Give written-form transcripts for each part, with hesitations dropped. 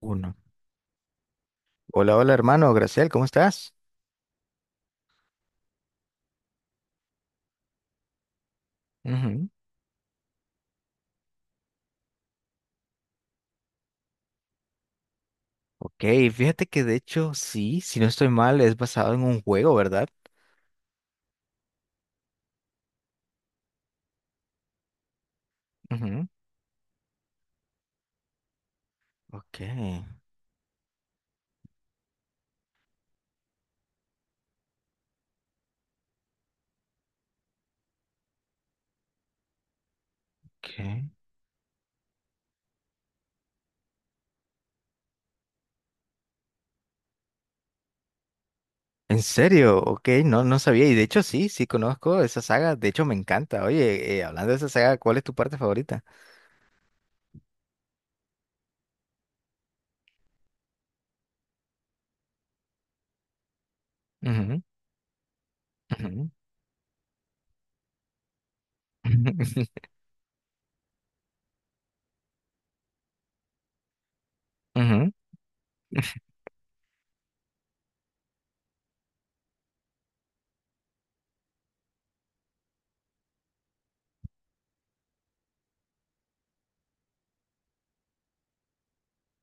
Uno. Hola, hola hermano, Graciel, ¿cómo estás? Ujú. Ok, fíjate que de hecho sí, si no estoy mal, es basado en un juego, ¿verdad? Ujú. Ok, ok. ¿En serio? Ok, no, no sabía. Y de hecho sí, sí conozco esa saga, de hecho me encanta. Oye, hablando de esa saga, ¿cuál es tu parte favorita? Ujú, ujú, ujú,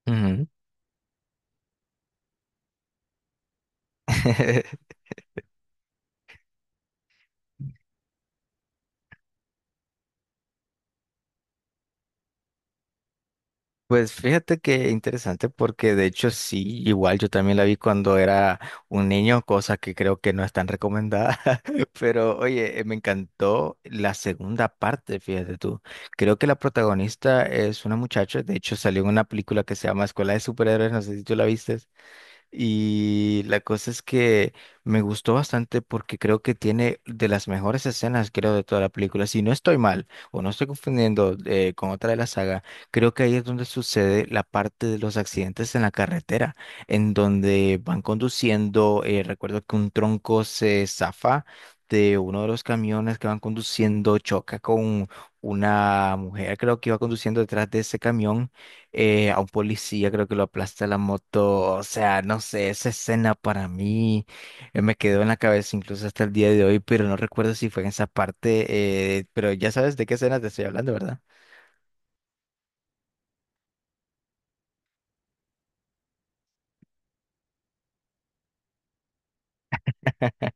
ujú. Pues fíjate que interesante porque de hecho sí, igual yo también la vi cuando era un niño, cosa que creo que no es tan recomendada, pero oye, me encantó la segunda parte, fíjate tú. Creo que la protagonista es una muchacha, de hecho salió en una película que se llama Escuela de Superhéroes, no sé si tú la viste. Y la cosa es que me gustó bastante porque creo que tiene de las mejores escenas, creo, de toda la película. Si no estoy mal o no estoy confundiendo con otra de la saga, creo que ahí es donde sucede la parte de los accidentes en la carretera, en donde van conduciendo, recuerdo que un tronco se zafa de uno de los camiones que van conduciendo, choca con una mujer, creo que iba conduciendo detrás de ese camión, a un policía, creo que lo aplasta la moto, o sea, no sé, esa escena para mí, me quedó en la cabeza incluso hasta el día de hoy, pero no recuerdo si fue en esa parte, pero ya sabes de qué escena te estoy hablando, ¿verdad?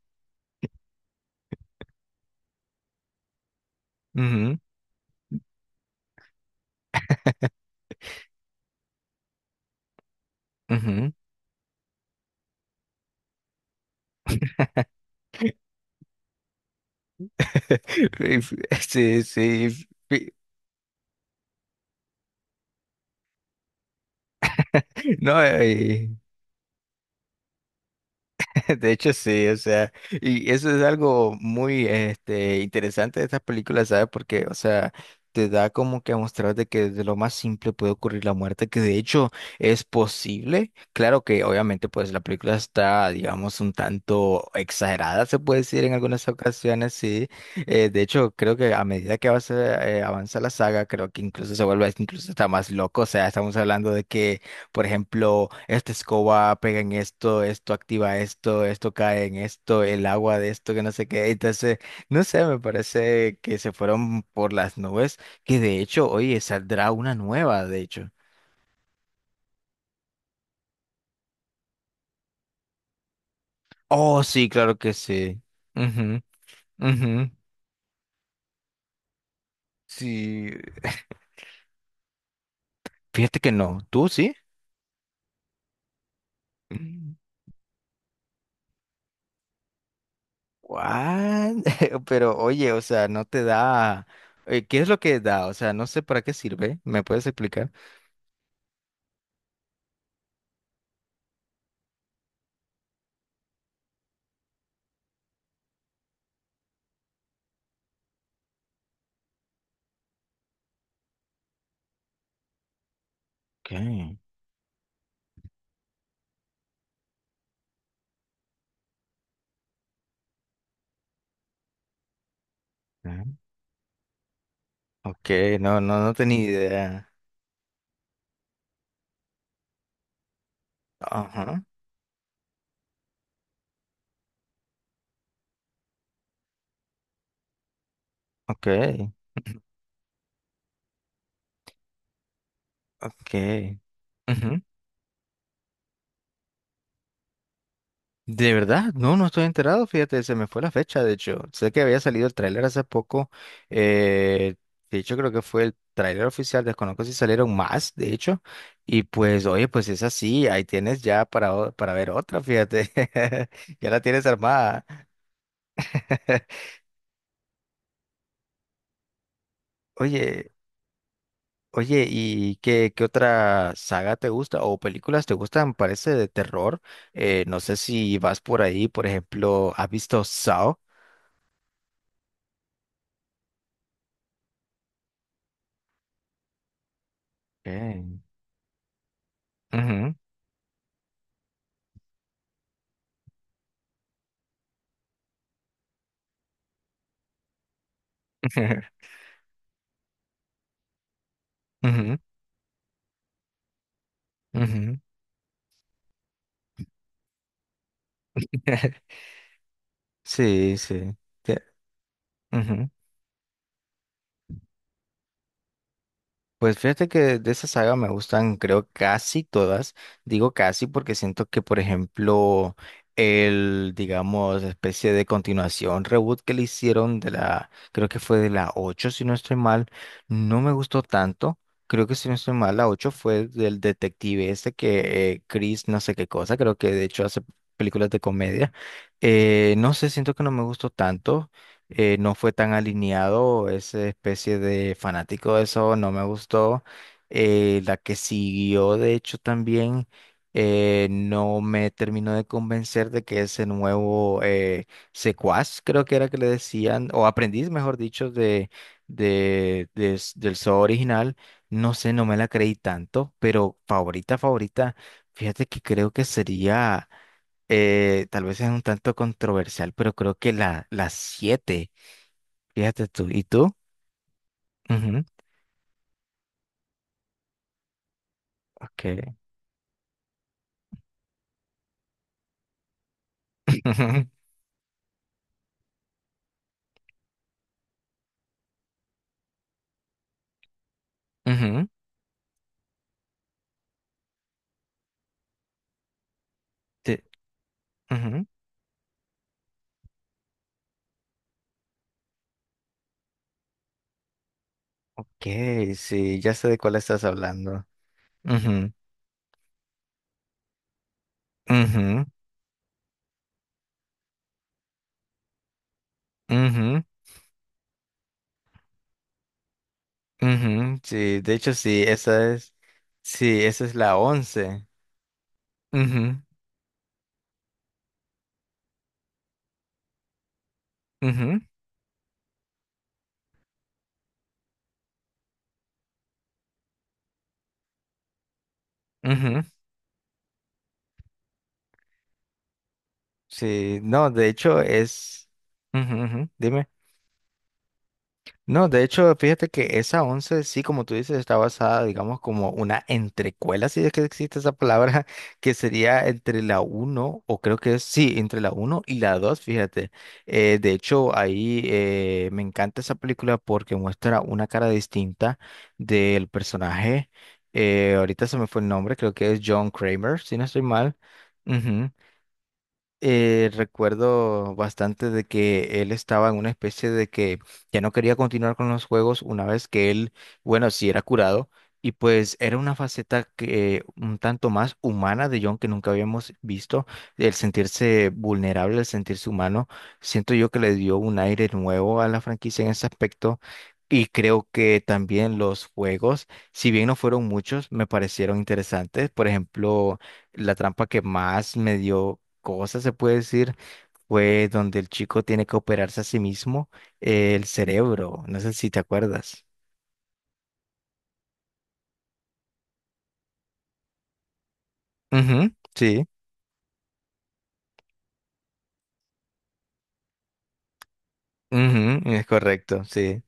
Ujú. Ujú. Sí, sí. Sí. No, de hecho, sí, o sea, y eso es algo muy interesante de estas películas, ¿sabes? Porque, o sea, te da como que a mostrar de que de lo más simple puede ocurrir la muerte, que de hecho es posible. Claro que obviamente pues la película está, digamos, un tanto exagerada, se puede decir en algunas ocasiones, sí. De hecho, creo que a medida que avanza, avanza la saga, creo que incluso se vuelve incluso está más loco, o sea, estamos hablando de que por ejemplo, esta escoba pega en esto, esto activa esto, esto cae en esto, el agua de esto, que no sé qué. Entonces, no sé, me parece que se fueron por las nubes, que de hecho, oye, saldrá una nueva, de hecho. Oh, sí, claro que sí. Ujú, ujú. Sí. Fíjate que no, ¿tú sí? Mm. What? Pero oye, o sea, no te da. ¿Qué es lo que da? O sea, no sé para qué sirve. ¿Me puedes explicar? ¿Qué? Ok, no, no, no tenía idea. Ajá, ok, ok. Ujú. De verdad, no, no estoy enterado, fíjate, se me fue la fecha, de hecho. Sé que había salido el tráiler hace poco. eh, de hecho, creo que fue el tráiler oficial, desconozco si salieron más, de hecho. Y pues, oye, pues es así, ahí tienes ya para ver otra, fíjate. Ya la tienes armada. Oye. Oye, ¿y qué otra saga te gusta o películas te gustan? Parece de terror. No sé si vas por ahí, por ejemplo, ¿has visto Saw? Okay. Ujú, ujú, ujú, sí, sí. Te- Ujú. Pues fíjate que de esa saga me gustan, creo, casi todas. Digo casi porque siento que, por ejemplo, el, digamos, especie de continuación, reboot que le hicieron de la, creo que fue de la 8 si no estoy mal, no me gustó tanto. Creo que si no estoy mal, la 8 fue del detective ese que, Chris no sé qué cosa, creo que de hecho hace películas de comedia. No sé, siento que no me gustó tanto, no fue tan alineado, esa especie de fanático de eso no me gustó. La que siguió, de hecho, también no me terminó de convencer de que ese nuevo secuaz, creo que era que le decían, o aprendiz, mejor dicho, del Saw original, no sé, no me la creí tanto, pero favorita, favorita, fíjate que creo que sería, tal vez es un tanto controversial, pero creo que la siete. Fíjate tú. ¿Y tú? Ujú, ok. Ujú, te- ujú, ok, sí, ya sé de cuál estás hablando. Ujú, ujú, ujú, ujú, sí, de hecho sí, esa es la once. Ujú, ujú, ujú, sí, no, de hecho es, ujú, ujú, dime. No, de hecho, fíjate que esa once, sí, como tú dices, está basada, digamos, como una entrecuela, si es que existe esa palabra, que sería entre la uno, o creo que es, sí, entre la uno y la dos, fíjate. De hecho, ahí me encanta esa película porque muestra una cara distinta del personaje. Ahorita se me fue el nombre, creo que es John Kramer, si no estoy mal, recuerdo bastante de que él estaba en una especie de que ya no quería continuar con los juegos una vez que él, bueno, sí era curado y pues era una faceta que un tanto más humana de John que nunca habíamos visto, el sentirse vulnerable, el sentirse humano, siento yo que le dio un aire nuevo a la franquicia en ese aspecto. Y creo que también los juegos, si bien no fueron muchos, me parecieron interesantes. Por ejemplo, la trampa que más me dio cosa se puede decir, fue donde el chico tiene que operarse a sí mismo, el cerebro. No sé si te acuerdas. Ujú, sí, ujú, es correcto, sí.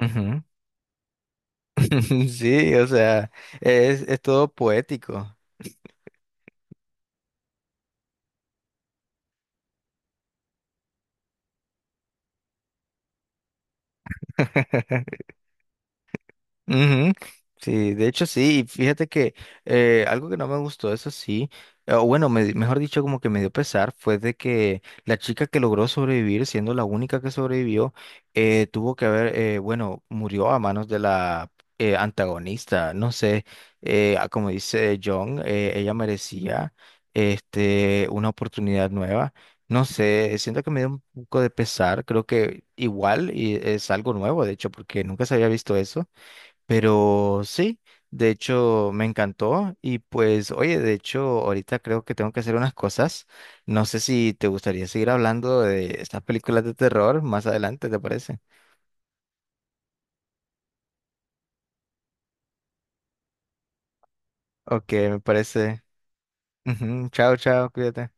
Ujú. Sí, o sea, es todo poético. Ujú, sí, de hecho sí, y fíjate que, algo que no me gustó, eso sí, o bueno, mejor dicho, como que me dio pesar, fue de que la chica que logró sobrevivir, siendo la única que sobrevivió, tuvo que haber, bueno, murió a manos de la, antagonista, no sé, ah, como dice John, ella merecía una oportunidad nueva. No sé, siento que me dio un poco de pesar, creo que igual y es algo nuevo, de hecho, porque nunca se había visto eso. Pero sí, de hecho me encantó y pues oye, de hecho ahorita creo que tengo que hacer unas cosas. No sé si te gustaría seguir hablando de estas películas de terror más adelante, ¿te parece? Ok, me parece. Ujú, chao, chao, cuídate.